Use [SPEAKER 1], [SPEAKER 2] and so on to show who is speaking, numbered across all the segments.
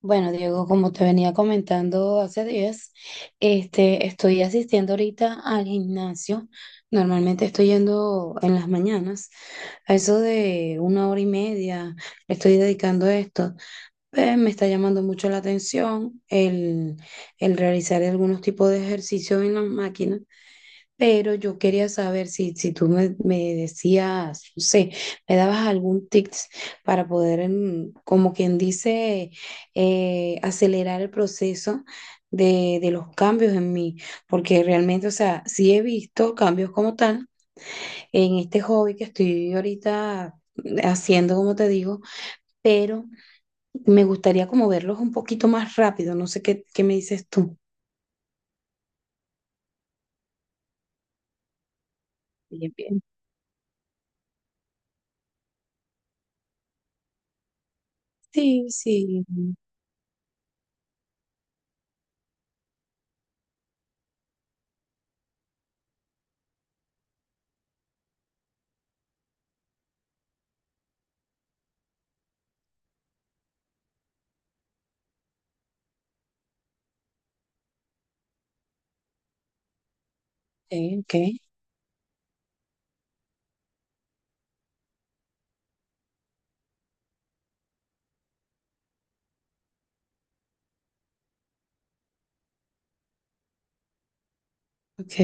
[SPEAKER 1] Bueno, Diego, como te venía comentando hace días, estoy asistiendo ahorita al gimnasio. Normalmente estoy yendo en las mañanas, a eso de una hora y media, estoy dedicando a esto. Me está llamando mucho la atención el realizar algunos tipos de ejercicios en las máquinas. Pero yo quería saber si tú me decías, no sé, me dabas algún tips para poder, como quien dice, acelerar el proceso de los cambios en mí, porque realmente, o sea, sí he visto cambios como tal en este hobby que estoy ahorita haciendo, como te digo, pero me gustaría como verlos un poquito más rápido, no sé qué, qué me dices tú. Bien, bien. Sí, sí, ok, ok,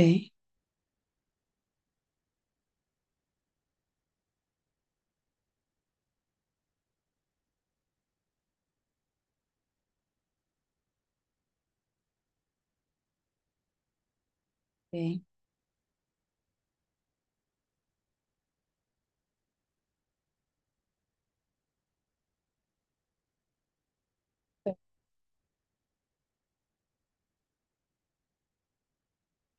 [SPEAKER 1] ok.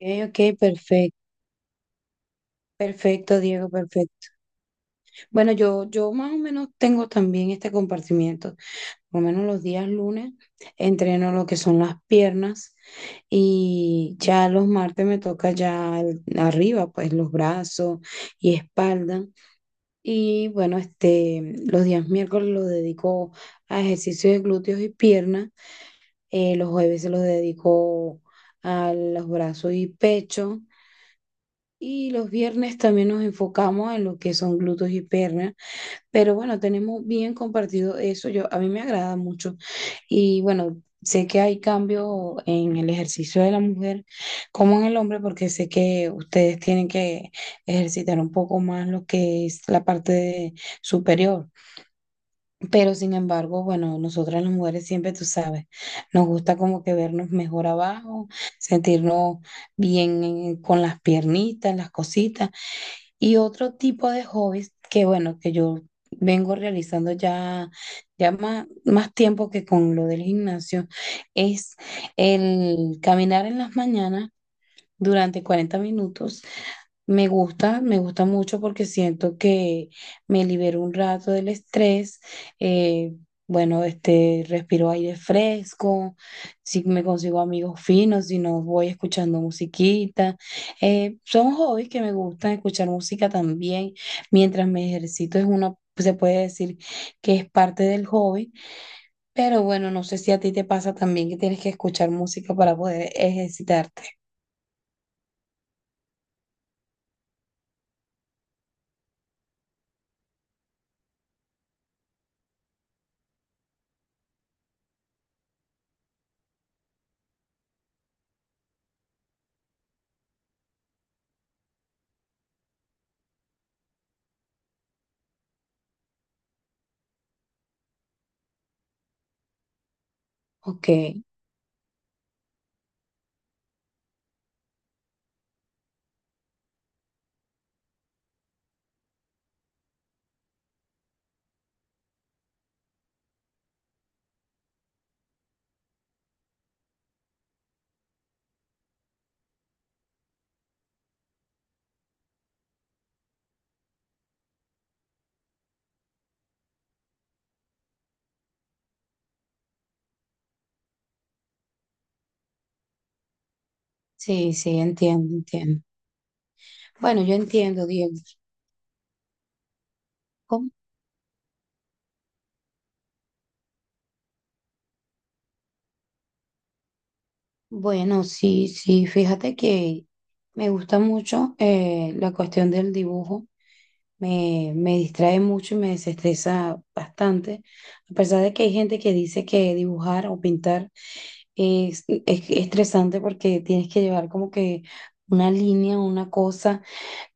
[SPEAKER 1] Ok, ok, perfecto, perfecto, Diego, perfecto. Bueno, yo más o menos tengo también este compartimiento, por lo menos los días lunes entreno lo que son las piernas y ya los martes me toca ya el- arriba, pues los brazos y espalda. Y bueno, los días miércoles los dedico a ejercicios de glúteos y piernas, los jueves se los dedico a los brazos y pecho. Y los viernes también nos enfocamos en lo que son glúteos y piernas, pero bueno, tenemos bien compartido eso. Yo, a mí me agrada mucho. Y bueno, sé que hay cambio en el ejercicio de la mujer como en el hombre, porque sé que ustedes tienen que ejercitar un poco más lo que es la parte de- superior. Pero sin embargo, bueno, nosotras las mujeres siempre, tú sabes, nos gusta como que vernos mejor abajo, sentirnos bien en- con las piernitas, las cositas. Y otro tipo de hobbies que, bueno, que yo vengo realizando ya, ya más tiempo que con lo del gimnasio, es el caminar en las mañanas durante 40 minutos me gusta mucho porque siento que me libero un rato del estrés. eh, bueno, respiro aire fresco, si me consigo amigos finos, si no voy escuchando musiquita. Son hobbies que me gustan escuchar música también. Mientras me ejercito es una, se puede decir que es parte del hobby, pero bueno, no sé si a ti te pasa también que tienes que escuchar música para poder ejercitarte. Ok, sí, sí, entiendo, entiendo. Bueno, yo entiendo, Diego. ¿Cómo? Bueno, sí, sí, fíjate que me gusta mucho la cuestión del dibujo, me distrae mucho y me desestresa bastante, a pesar de que hay gente que dice que dibujar o pintar es estresante porque tienes que llevar como que una línea, una cosa.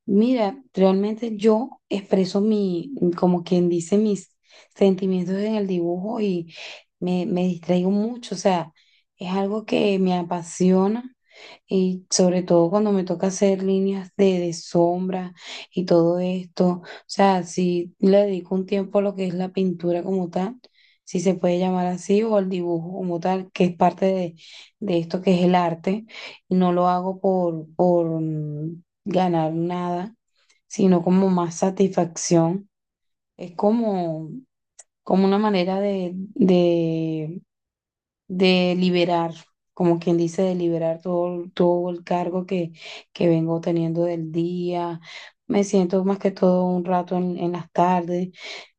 [SPEAKER 1] Mira, realmente yo expreso mi, como quien dice, mis sentimientos en el dibujo y me distraigo mucho, o sea, es algo que me apasiona y sobre todo cuando me toca hacer líneas de sombra y todo esto, o sea, si le dedico un tiempo a lo que es la pintura como tal, si se puede llamar así, o el dibujo como tal, que es parte de esto que es el arte, y no lo hago ganar nada, sino como más satisfacción. Es como, como una manera de liberar, como quien dice, de liberar todo, todo el cargo que vengo teniendo del día. Me siento más que todo un rato en las tardes,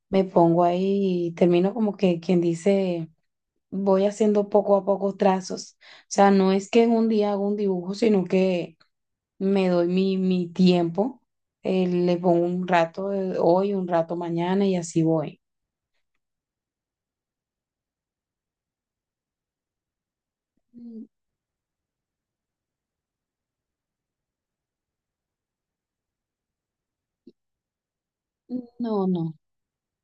[SPEAKER 1] me pongo ahí y termino como que quien dice, voy haciendo poco a poco trazos. O sea, no es que en un día hago un dibujo, sino que me doy mi tiempo, le pongo un rato de hoy, un rato mañana y así voy. Mm, no, no.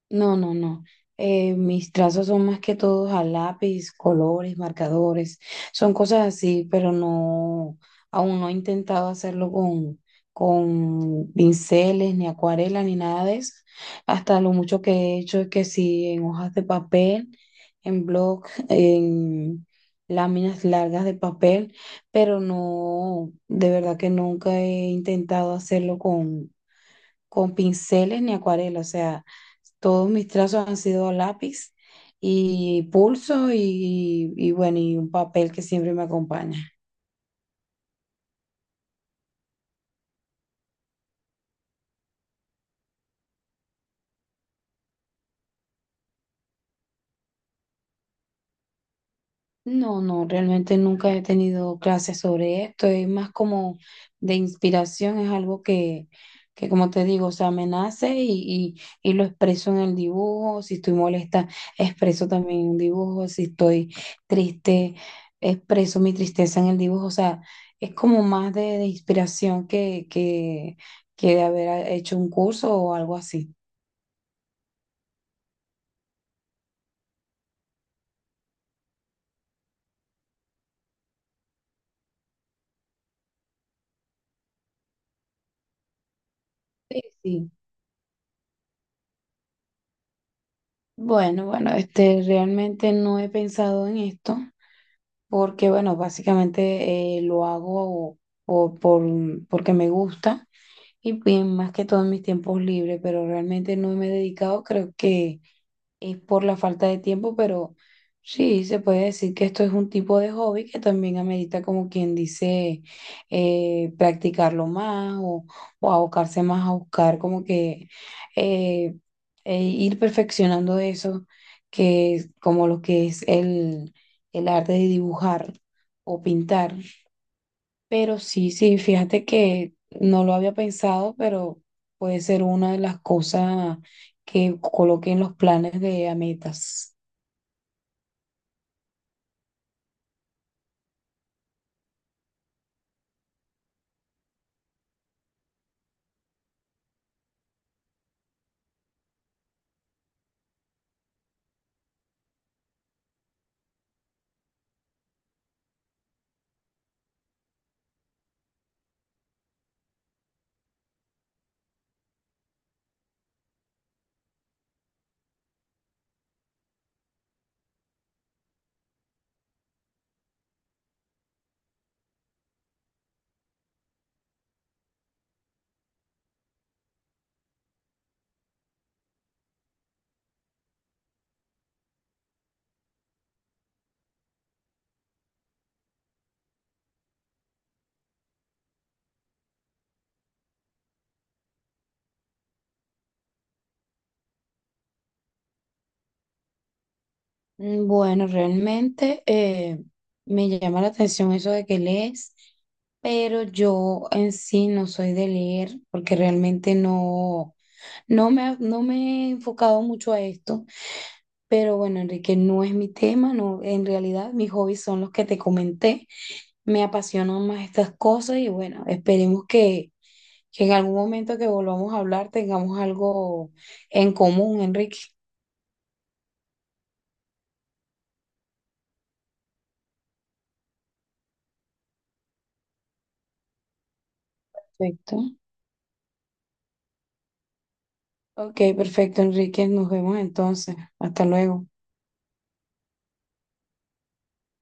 [SPEAKER 1] No, no, no. Mis trazos son más que todos a lápiz, colores, marcadores, son cosas así, pero no, aún no he intentado hacerlo con pinceles, ni acuarela, ni nada de eso. Hasta lo mucho que he hecho es que sí, en hojas de papel, en bloc, en láminas largas de papel, pero no, de verdad que nunca he intentado hacerlo con pinceles ni acuarela, o sea, todos mis trazos han sido a lápiz y pulso y bueno, y un papel que siempre me acompaña. No, no, realmente nunca he tenido clases sobre esto, es más como de inspiración, es algo que como te digo, o sea, me nace y lo expreso en el dibujo, si estoy molesta, expreso también en un dibujo, si estoy triste, expreso mi tristeza en el dibujo, o sea, es como más de inspiración que de haber hecho un curso o algo así. Sí, sí. Bueno, bueno, realmente no he pensado en esto. Porque bueno, básicamente lo hago o por, porque me gusta y bien, más que todo en mis tiempos libres, pero realmente no me he dedicado, creo que es por la falta de tiempo, pero sí, se puede decir que esto es un tipo de hobby que también amerita, como quien dice, practicarlo más o abocarse más a buscar, como que eh, e ir perfeccionando eso, que es como lo que es el arte de dibujar o pintar. Pero sí, sí, fíjate que no lo había pensado, pero puede ser una de las cosas que coloque en los planes de a metas. Mm, bueno, realmente me llama la atención eso de que lees, pero yo en sí no soy de leer porque realmente no, no me, ha- no me he enfocado mucho a esto. Pero bueno, Enrique, no es mi tema, no, en realidad mis hobbies son los que te comenté. Me apasionan más estas cosas y bueno, esperemos que en algún momento que volvamos a hablar tengamos algo en común, Enrique. Perfecto. Ok, perfecto, Enrique. Nos vemos entonces. Hasta luego.